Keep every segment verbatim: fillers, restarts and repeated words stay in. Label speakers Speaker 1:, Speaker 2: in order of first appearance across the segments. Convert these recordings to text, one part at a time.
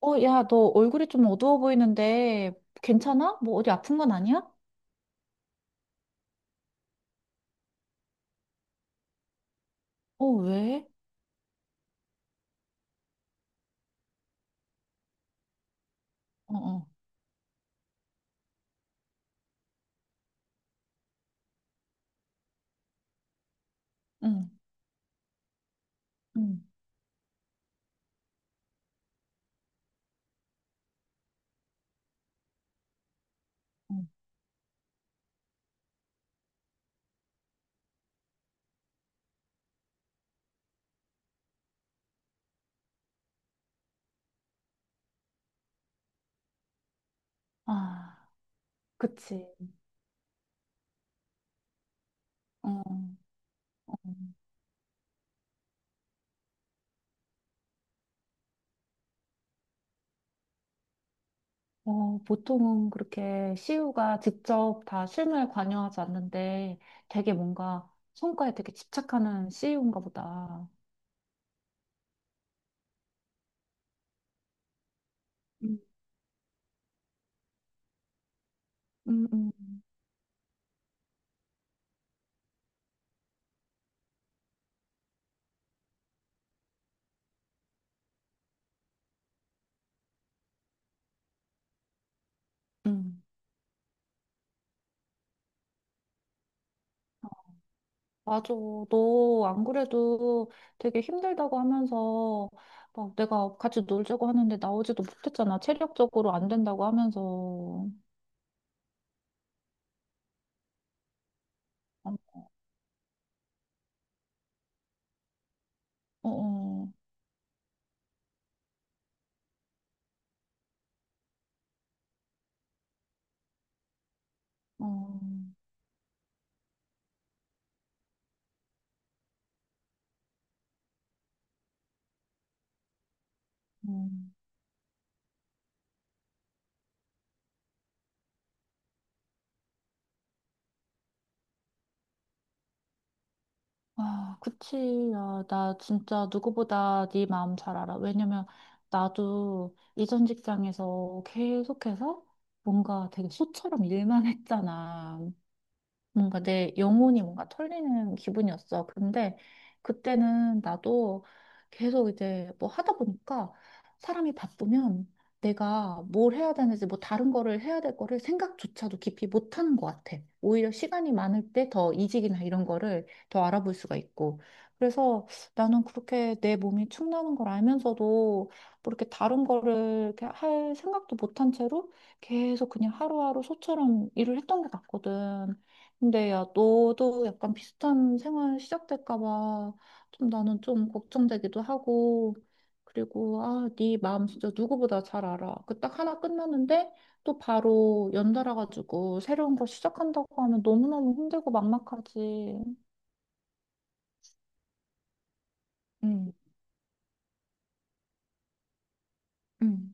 Speaker 1: 어, 야, 너 얼굴이 좀 어두워 보이는데 괜찮아? 뭐 어디 아픈 건 아니야? 어, 왜? 어, 어, 응, 응, 응. 아, 그치. 어, 어, 어, 보통은 그렇게 씨유가 직접 다 실무에 관여하지 않는데 되게 뭔가 성과에 되게 집착하는 씨유인가 보다. 음, 음, 음. 음. 맞아. 너 안 그래도 되게 힘들다고 하면서 막 내가 같이 놀자고 하는데 나오지도 못했잖아. 체력적으로 안 된다고 하면서. 어, 어, 어, 음. 아, 그치. 야, 나 진짜 누구보다 네 마음 잘 알아. 왜냐면 나도 이전 직장에서 계속해서 뭔가 되게 소처럼 일만 했잖아. 뭔가 내 영혼이 뭔가 털리는 기분이었어. 근데 그때는 나도 계속 이제 뭐 하다 보니까 사람이 바쁘면 내가 뭘 해야 되는지 뭐 다른 거를 해야 될 거를 생각조차도 깊이 못 하는 것 같아. 오히려 시간이 많을 때 더 이직이나 이런 거를 더 알아볼 수가 있고. 그래서 나는 그렇게 내 몸이 축나는 걸 알면서도 뭐 이렇게 다른 거를 이렇게 할 생각도 못한 채로 계속 그냥 하루하루 소처럼 일을 했던 것 같거든. 근데 야, 너도 약간 비슷한 생활 시작될까 봐 좀 나는 좀 걱정되기도 하고 그리고 아, 네 마음 진짜 누구보다 잘 알아. 그 딱 하나 끝났는데 또 바로 연달아 가지고 새로운 거 시작한다고 하면 너무너무 힘들고 막막하지. 응, 응.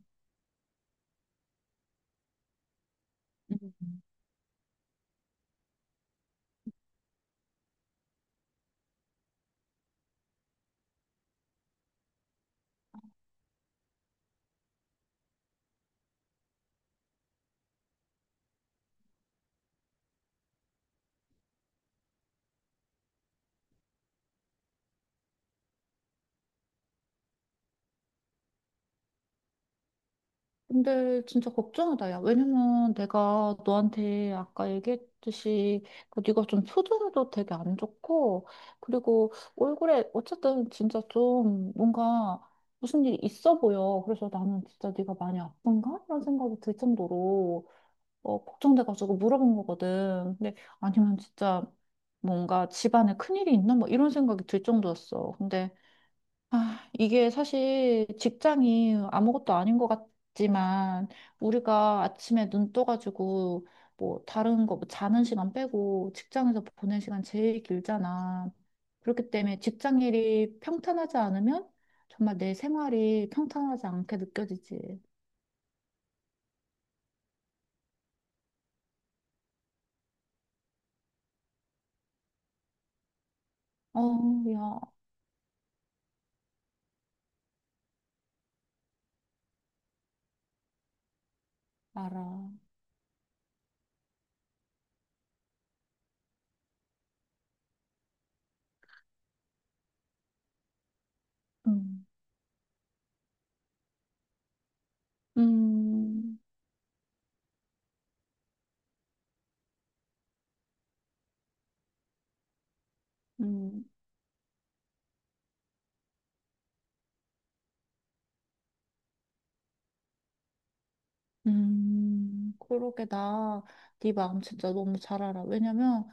Speaker 1: 응 근데 진짜 걱정이다, 야. 왜냐면 내가 너한테 아까 얘기했듯이 그 네가 좀 표정도 되게 안 좋고 그리고 얼굴에 어쨌든 진짜 좀 뭔가 무슨 일이 있어 보여. 그래서 나는 진짜 네가 많이 아픈가? 이런 생각이 들 정도로 어, 걱정돼가지고 물어본 거거든. 근데 아니면 진짜 뭔가 집안에 큰일이 있나? 뭐 이런 생각이 들 정도였어. 근데 아, 이게 사실 직장이 아무것도 아닌 것 같지만 우리가 아침에 눈 떠가지고 뭐 다른 거뭐 자는 시간 빼고 직장에서 보낸 시간 제일 길잖아. 그렇기 때문에 직장 일이 평탄하지 않으면 정말 내 생활이 평탄하지 않게 느껴지지. 어, 야, 알아. 음, 음, 음. 음, 그러게 나 네 마음 진짜 너무 잘 알아. 왜냐면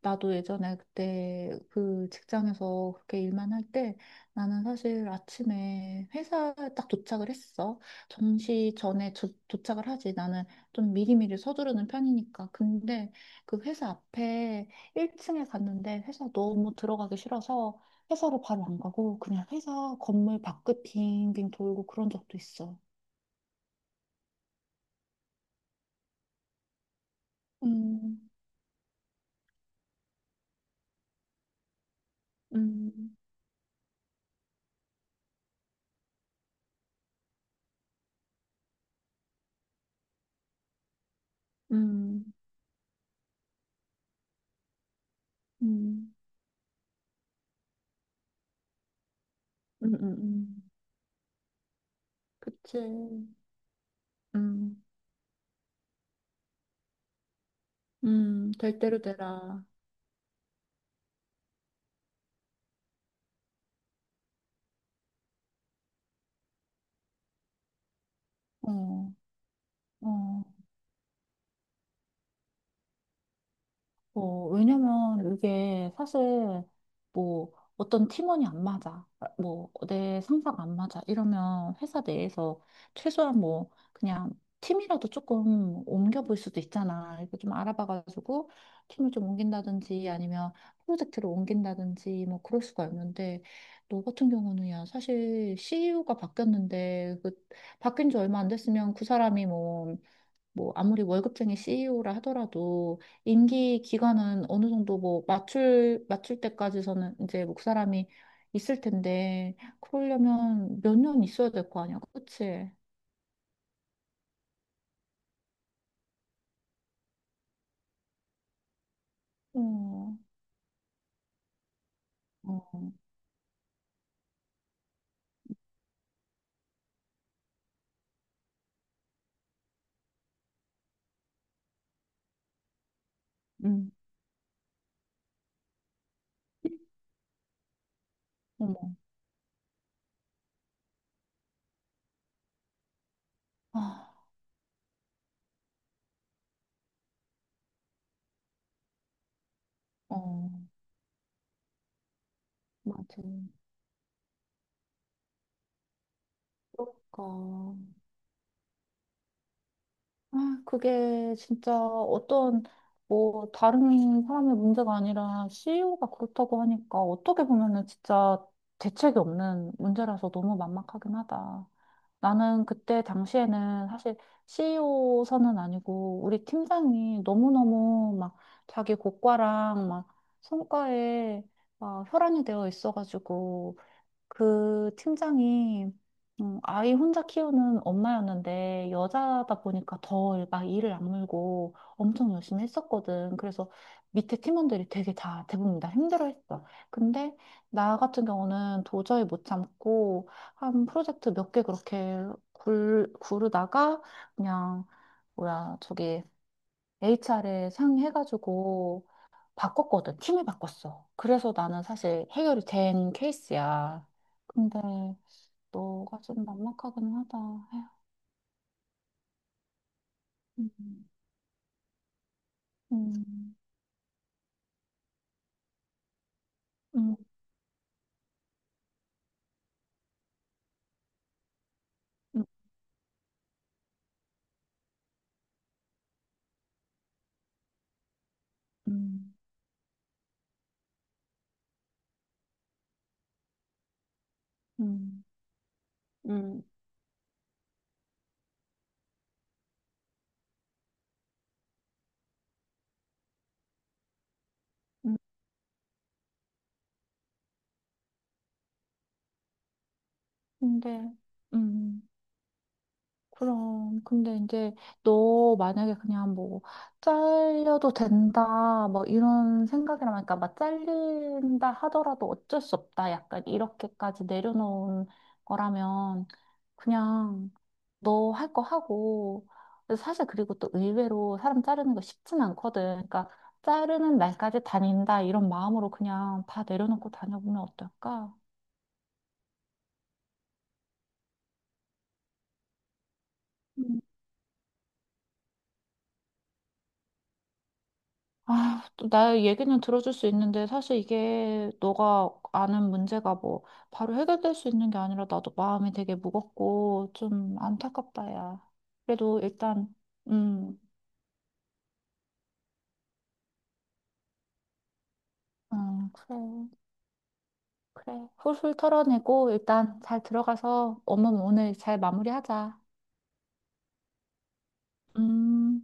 Speaker 1: 나도 예전에 그때 그 직장에서 그렇게 일만 할 때 나는 사실 아침에 회사에 딱 도착을 했어. 정시 전에 저- 도착을 하지. 나는 좀 미리미리 서두르는 편이니까. 근데 그 회사 앞에 일 층에 갔는데 회사 너무 들어가기 싫어서 회사로 바로 안 가고 그냥 회사 건물 밖을 빙빙 돌고 그런 적도 있어. 음, 음. 음, 음, 음, 음, 음. 그치. 음, 음, 될 대로 되라. 어, 어. 어, 왜냐면 이게 사실 뭐 어떤 팀원이 안 맞아. 아, 뭐 내 상사가 안 맞아. 이러면 회사 내에서 최소한 뭐 그냥 팀이라도 조금 옮겨볼 수도 있잖아. 이렇게 좀 알아봐가지고 팀을 좀 옮긴다든지 아니면 프로젝트를 옮긴다든지 뭐 그럴 수가 있는데 너 같은 경우는 야, 사실 씨이오가 바뀌었는데 그 바뀐 지 얼마 안 됐으면 그 사람이 뭐 뭐 아무리 월급쟁이 씨이오라 하더라도 임기 기간은 어느 정도 뭐 맞출 맞출 때까지서는 이제 목그 사람이 있을 텐데 그러려면 몇 년 있어야 될 거 아니야, 그치? 어, 어, 음. 어머, 아, 어, 맞아. 그러니까. 아, 그게 진짜 어떤 뭐 다른 사람의 문제가 아니라 씨이오가 그렇다고 하니까 어떻게 보면은 진짜 대책이 없는 문제라서 너무 막막하긴 하다. 나는 그때 당시에는 사실 씨이오 선은 아니고 우리 팀장이 너무너무 막 자기 고과랑 막 성과에 막 혈안이 되어 있어가지고 그 팀장이 음, 아이 혼자 키우는 엄마였는데 여자다 보니까 더 막 일을 악물고 엄청 열심히 했었거든. 그래서 밑에 팀원들이 되게 다 대부분 다 힘들어했어. 근데 나 같은 경우는 도저히 못 참고 한 프로젝트 몇 개 그렇게 굴, 구르다가 그냥 뭐야 저기 에이치알에 상의해가지고 바꿨거든. 팀을 바꿨어. 그래서 나는 사실 해결이 된 케이스야. 근데 너가 좀 막막하긴 하다. 에휴, 음, 음, 음, 음, 음, 음, 음, 음. 근데, 음, 그럼. 근데 이제 너 만약에 그냥 뭐, 잘려도 된다, 뭐 이런 생각이라면, 그러니까 막 잘린다 하더라도 어쩔 수 없다. 약간 이렇게까지 내려놓은 거라면, 그냥 너 할 거 하고 그래서 사실 그리고 또 의외로 사람 자르는 거 쉽진 않거든. 그러니까 자르는 날까지 다닌다 이런 마음으로 그냥 다 내려놓고 다녀보면 어떨까? 음. 아, 또 나의 얘기는 들어줄 수 있는데 사실 이게 너가 아는 문제가 뭐 바로 해결될 수 있는 게 아니라 나도 마음이 되게 무겁고 좀 안타깝다, 야. 그래도 일단, 음, 음, 그래, 그래. 훌훌 털어내고 일단 잘 들어가서 업무 오늘 잘 마무리하자. 음,